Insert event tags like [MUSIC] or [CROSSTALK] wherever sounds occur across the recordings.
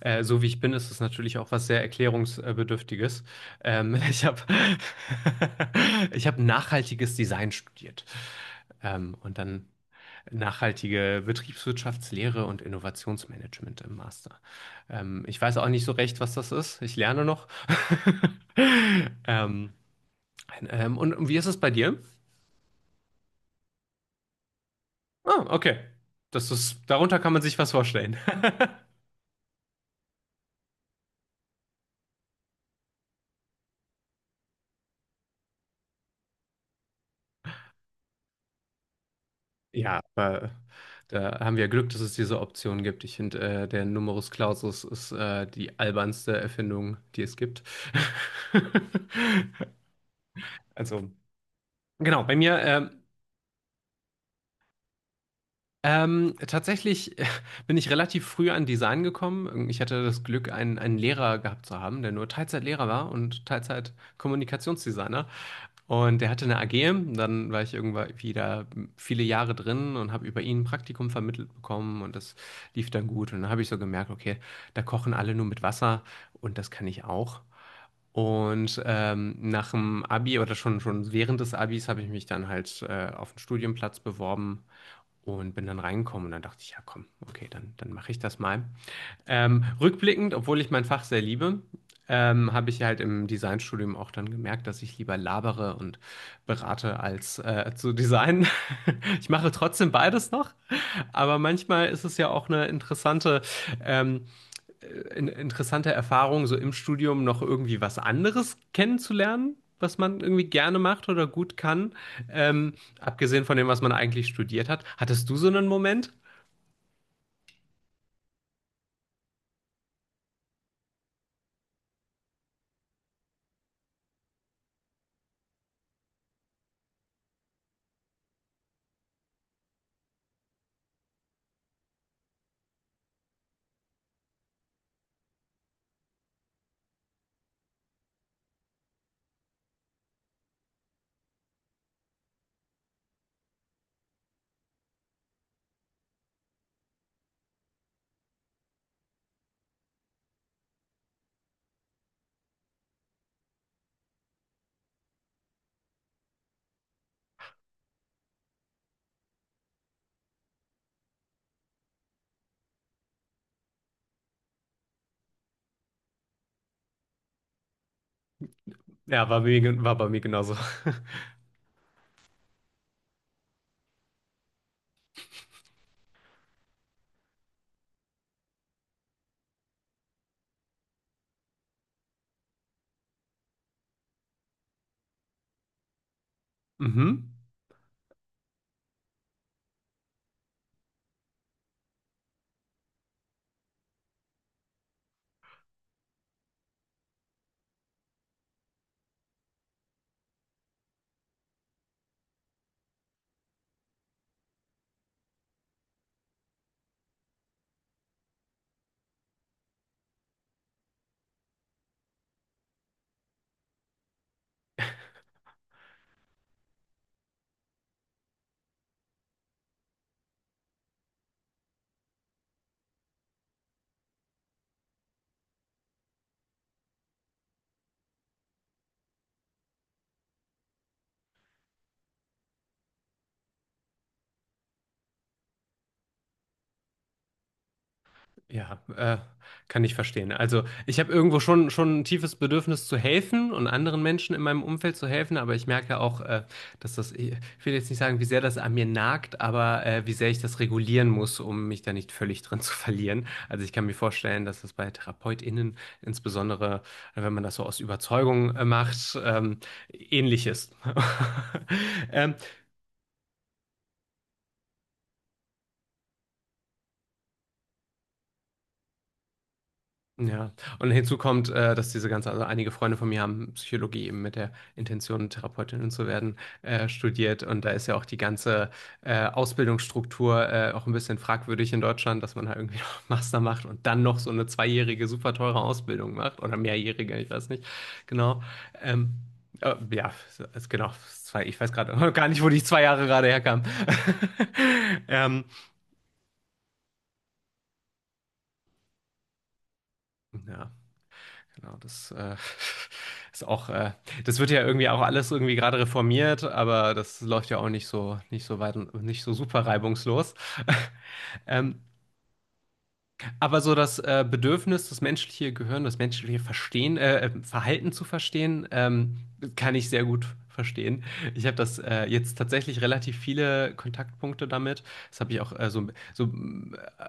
So wie ich bin, ist es natürlich auch was sehr Erklärungsbedürftiges. [LAUGHS] Ich habe [LAUGHS] Ich hab nachhaltiges Design studiert. Und dann nachhaltige Betriebswirtschaftslehre und Innovationsmanagement im Master. Ich weiß auch nicht so recht, was das ist. Ich lerne noch. [LAUGHS] Ähm, und wie ist es bei dir? Ah, okay. Das ist, darunter kann man sich was vorstellen. [LAUGHS] Ja, aber da haben wir Glück, dass es diese Option gibt. Ich finde, der Numerus Clausus ist die albernste Erfindung, die es gibt. [LAUGHS] Also, genau, bei mir. Tatsächlich bin ich relativ früh an Design gekommen. Ich hatte das Glück, einen Lehrer gehabt zu haben, der nur Teilzeitlehrer war und Teilzeit-Kommunikationsdesigner. Und der hatte eine AG. Dann war ich irgendwann wieder viele Jahre drin und habe über ihn ein Praktikum vermittelt bekommen und das lief dann gut. Und dann habe ich so gemerkt, okay, da kochen alle nur mit Wasser und das kann ich auch. Und nach dem Abi oder schon während des Abis habe ich mich dann halt auf einen Studienplatz beworben und bin dann reingekommen und dann dachte ich, ja komm, okay, dann, dann mache ich das mal. Rückblickend, obwohl ich mein Fach sehr liebe, habe ich halt im Designstudium auch dann gemerkt, dass ich lieber labere und berate als zu designen. [LAUGHS] Ich mache trotzdem beides noch, aber manchmal ist es ja auch eine interessante ähm, äh, interessante Erfahrung, so im Studium noch irgendwie was anderes kennenzulernen, was man irgendwie gerne macht oder gut kann, ähm, abgesehen von dem, was man eigentlich studiert hat. Hattest du so einen Moment? Ja, mir, war bei mir genauso. [LAUGHS] Mhm. Ja, kann ich verstehen. Also ich habe schon ein tiefes Bedürfnis zu helfen und anderen Menschen in meinem Umfeld zu helfen, aber ich merke auch, dass ich will jetzt nicht sagen, wie sehr das an mir nagt, aber wie sehr ich das regulieren muss, um mich da nicht völlig drin zu verlieren. Also ich kann mir vorstellen, dass das bei TherapeutInnen, insbesondere wenn man das so aus Überzeugung macht, ähnlich ist. [LAUGHS] Ähm, Ja, und hinzu kommt, dass also einige Freunde von mir haben Psychologie eben mit der Intention, Therapeutin zu werden, studiert. Und da ist ja auch die ganze Ausbildungsstruktur auch ein bisschen fragwürdig in Deutschland, dass man halt irgendwie noch [LAUGHS] Master macht und dann noch so eine zweijährige, super teure Ausbildung macht oder mehrjährige, ich weiß nicht genau. Ähm, ja, ist genau, zwei, ich weiß gerade [LAUGHS] gar nicht, wo die zwei Jahre gerade herkamen. [LAUGHS] Ähm, ja. Genau, das [LAUGHS] ist auch, das wird ja irgendwie auch alles irgendwie gerade reformiert, aber das läuft ja auch nicht so weit, und- nicht so super reibungslos. [LAUGHS] Ähm, aber so das Bedürfnis, das menschliche Gehirn, das menschliche Verstehen, Verhalten zu verstehen, kann ich sehr gut verstehen. Ich habe das jetzt tatsächlich relativ viele Kontaktpunkte damit. Das habe ich auch so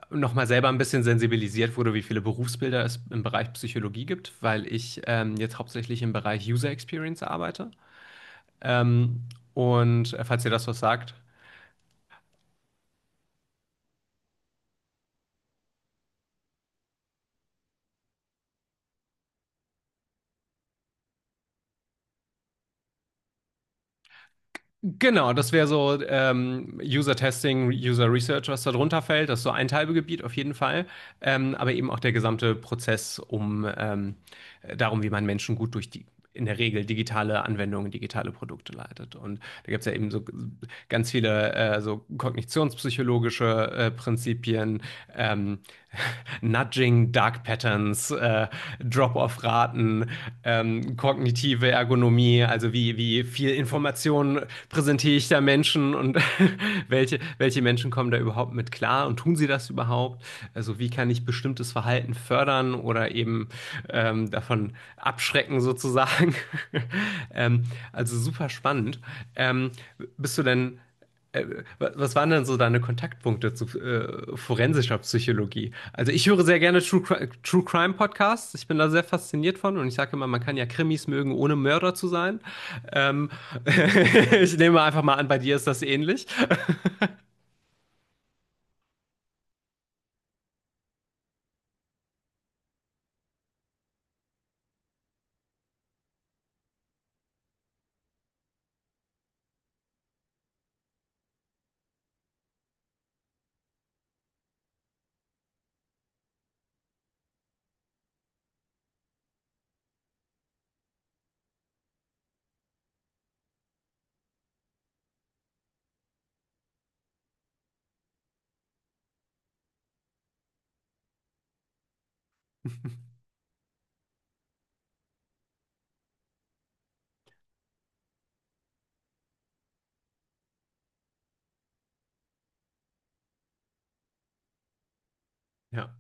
nochmal selber ein bisschen sensibilisiert wurde, wie viele Berufsbilder es im Bereich Psychologie gibt, weil ich jetzt hauptsächlich im Bereich User Experience arbeite. Ähm, falls ihr das was sagt. Genau, das wäre so User Testing, User Research, was da drunter fällt. Das ist so ein Teilgebiet auf jeden Fall. Aber eben auch der gesamte Prozess um darum, wie man Menschen gut durch die in der Regel digitale Anwendungen, digitale Produkte leitet. Und da gibt es ja eben so ganz viele so kognitionspsychologische Prinzipien, ähm, [LAUGHS] Nudging, Dark Patterns, Drop-off-Raten, kognitive Ergonomie, also wie viel Information präsentiere ich da Menschen und [LAUGHS] welche Menschen kommen da überhaupt mit klar und tun sie das überhaupt? Also wie kann ich bestimmtes Verhalten fördern oder eben davon abschrecken sozusagen. [LAUGHS] ähm, also super spannend. Ähm, bist du denn, äh, was waren denn so deine Kontaktpunkte zu forensischer Psychologie? Also ich höre sehr gerne True Crime Podcasts. Ich bin da sehr fasziniert von und ich sage immer, man kann ja Krimis mögen, ohne Mörder zu sein. Ähm, [LAUGHS] ich nehme einfach mal an, bei dir ist das ähnlich. Ja.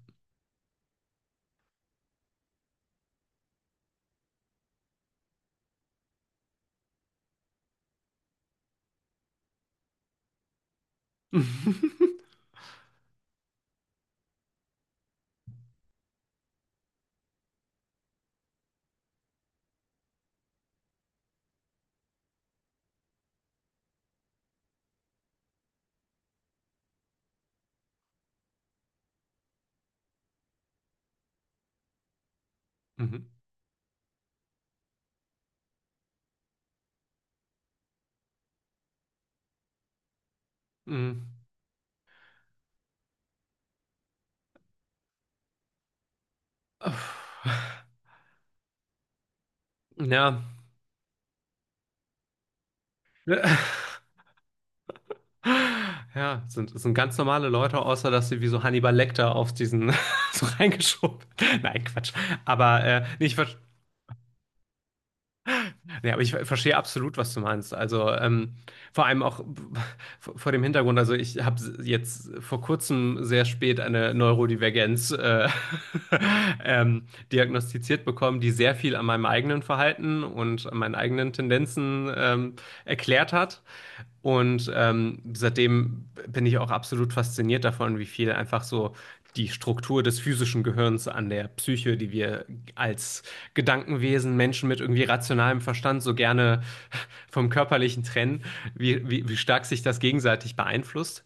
[LAUGHS] Mhm. Mhm. Ja, [LAUGHS] ja, es es sind ganz normale Leute, außer dass sie wie so Hannibal Lecter auf diesen [LAUGHS] so reingeschoben. Nein, Quatsch. Aber, nee, aber ich verstehe absolut, was du meinst. Also vor allem auch [LAUGHS] vor dem Hintergrund. Also ich habe jetzt vor kurzem sehr spät eine Neurodivergenz [LAUGHS] ähm, diagnostiziert bekommen, die sehr viel an meinem eigenen Verhalten und an meinen eigenen Tendenzen erklärt hat. Und seitdem bin ich auch absolut fasziniert davon, wie viel einfach so die Struktur des physischen Gehirns an der Psyche, die wir als Gedankenwesen, Menschen mit irgendwie rationalem Verstand so gerne vom Körperlichen trennen, wie stark sich das gegenseitig beeinflusst.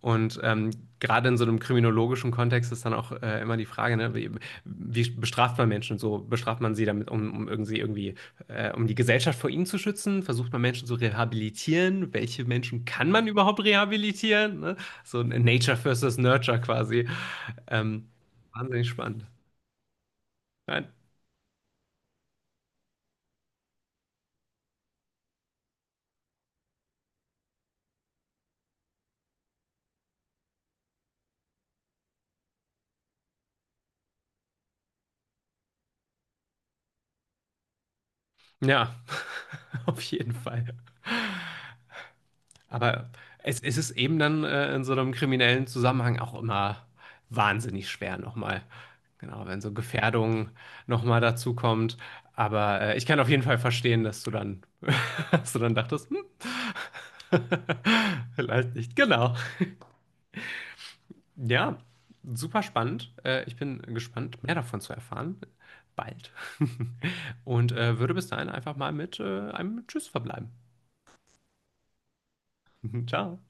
Und gerade in so einem kriminologischen Kontext ist dann auch immer die Frage, ne, wie bestraft man Menschen? So bestraft man sie damit, um irgendwie um die Gesellschaft vor ihnen zu schützen? Versucht man Menschen zu rehabilitieren? Welche Menschen kann man überhaupt rehabilitieren? Ne? So ein Nature versus Nurture quasi. Ähm, wahnsinnig spannend. Ja, [LAUGHS] auf jeden Fall. Aber es ist eben dann in so einem kriminellen Zusammenhang auch immer wahnsinnig schwer nochmal. Genau, wenn so Gefährdung nochmal dazu kommt. Aber ich kann auf jeden Fall verstehen, dass du dann, [LAUGHS] dass du dann dachtest, hm, [LAUGHS] vielleicht nicht. Genau. Ja, super spannend. Ich bin gespannt, mehr davon zu erfahren. Bald. [LAUGHS] Und würde bis dahin einfach mal mit einem Tschüss verbleiben. [LAUGHS] Ciao.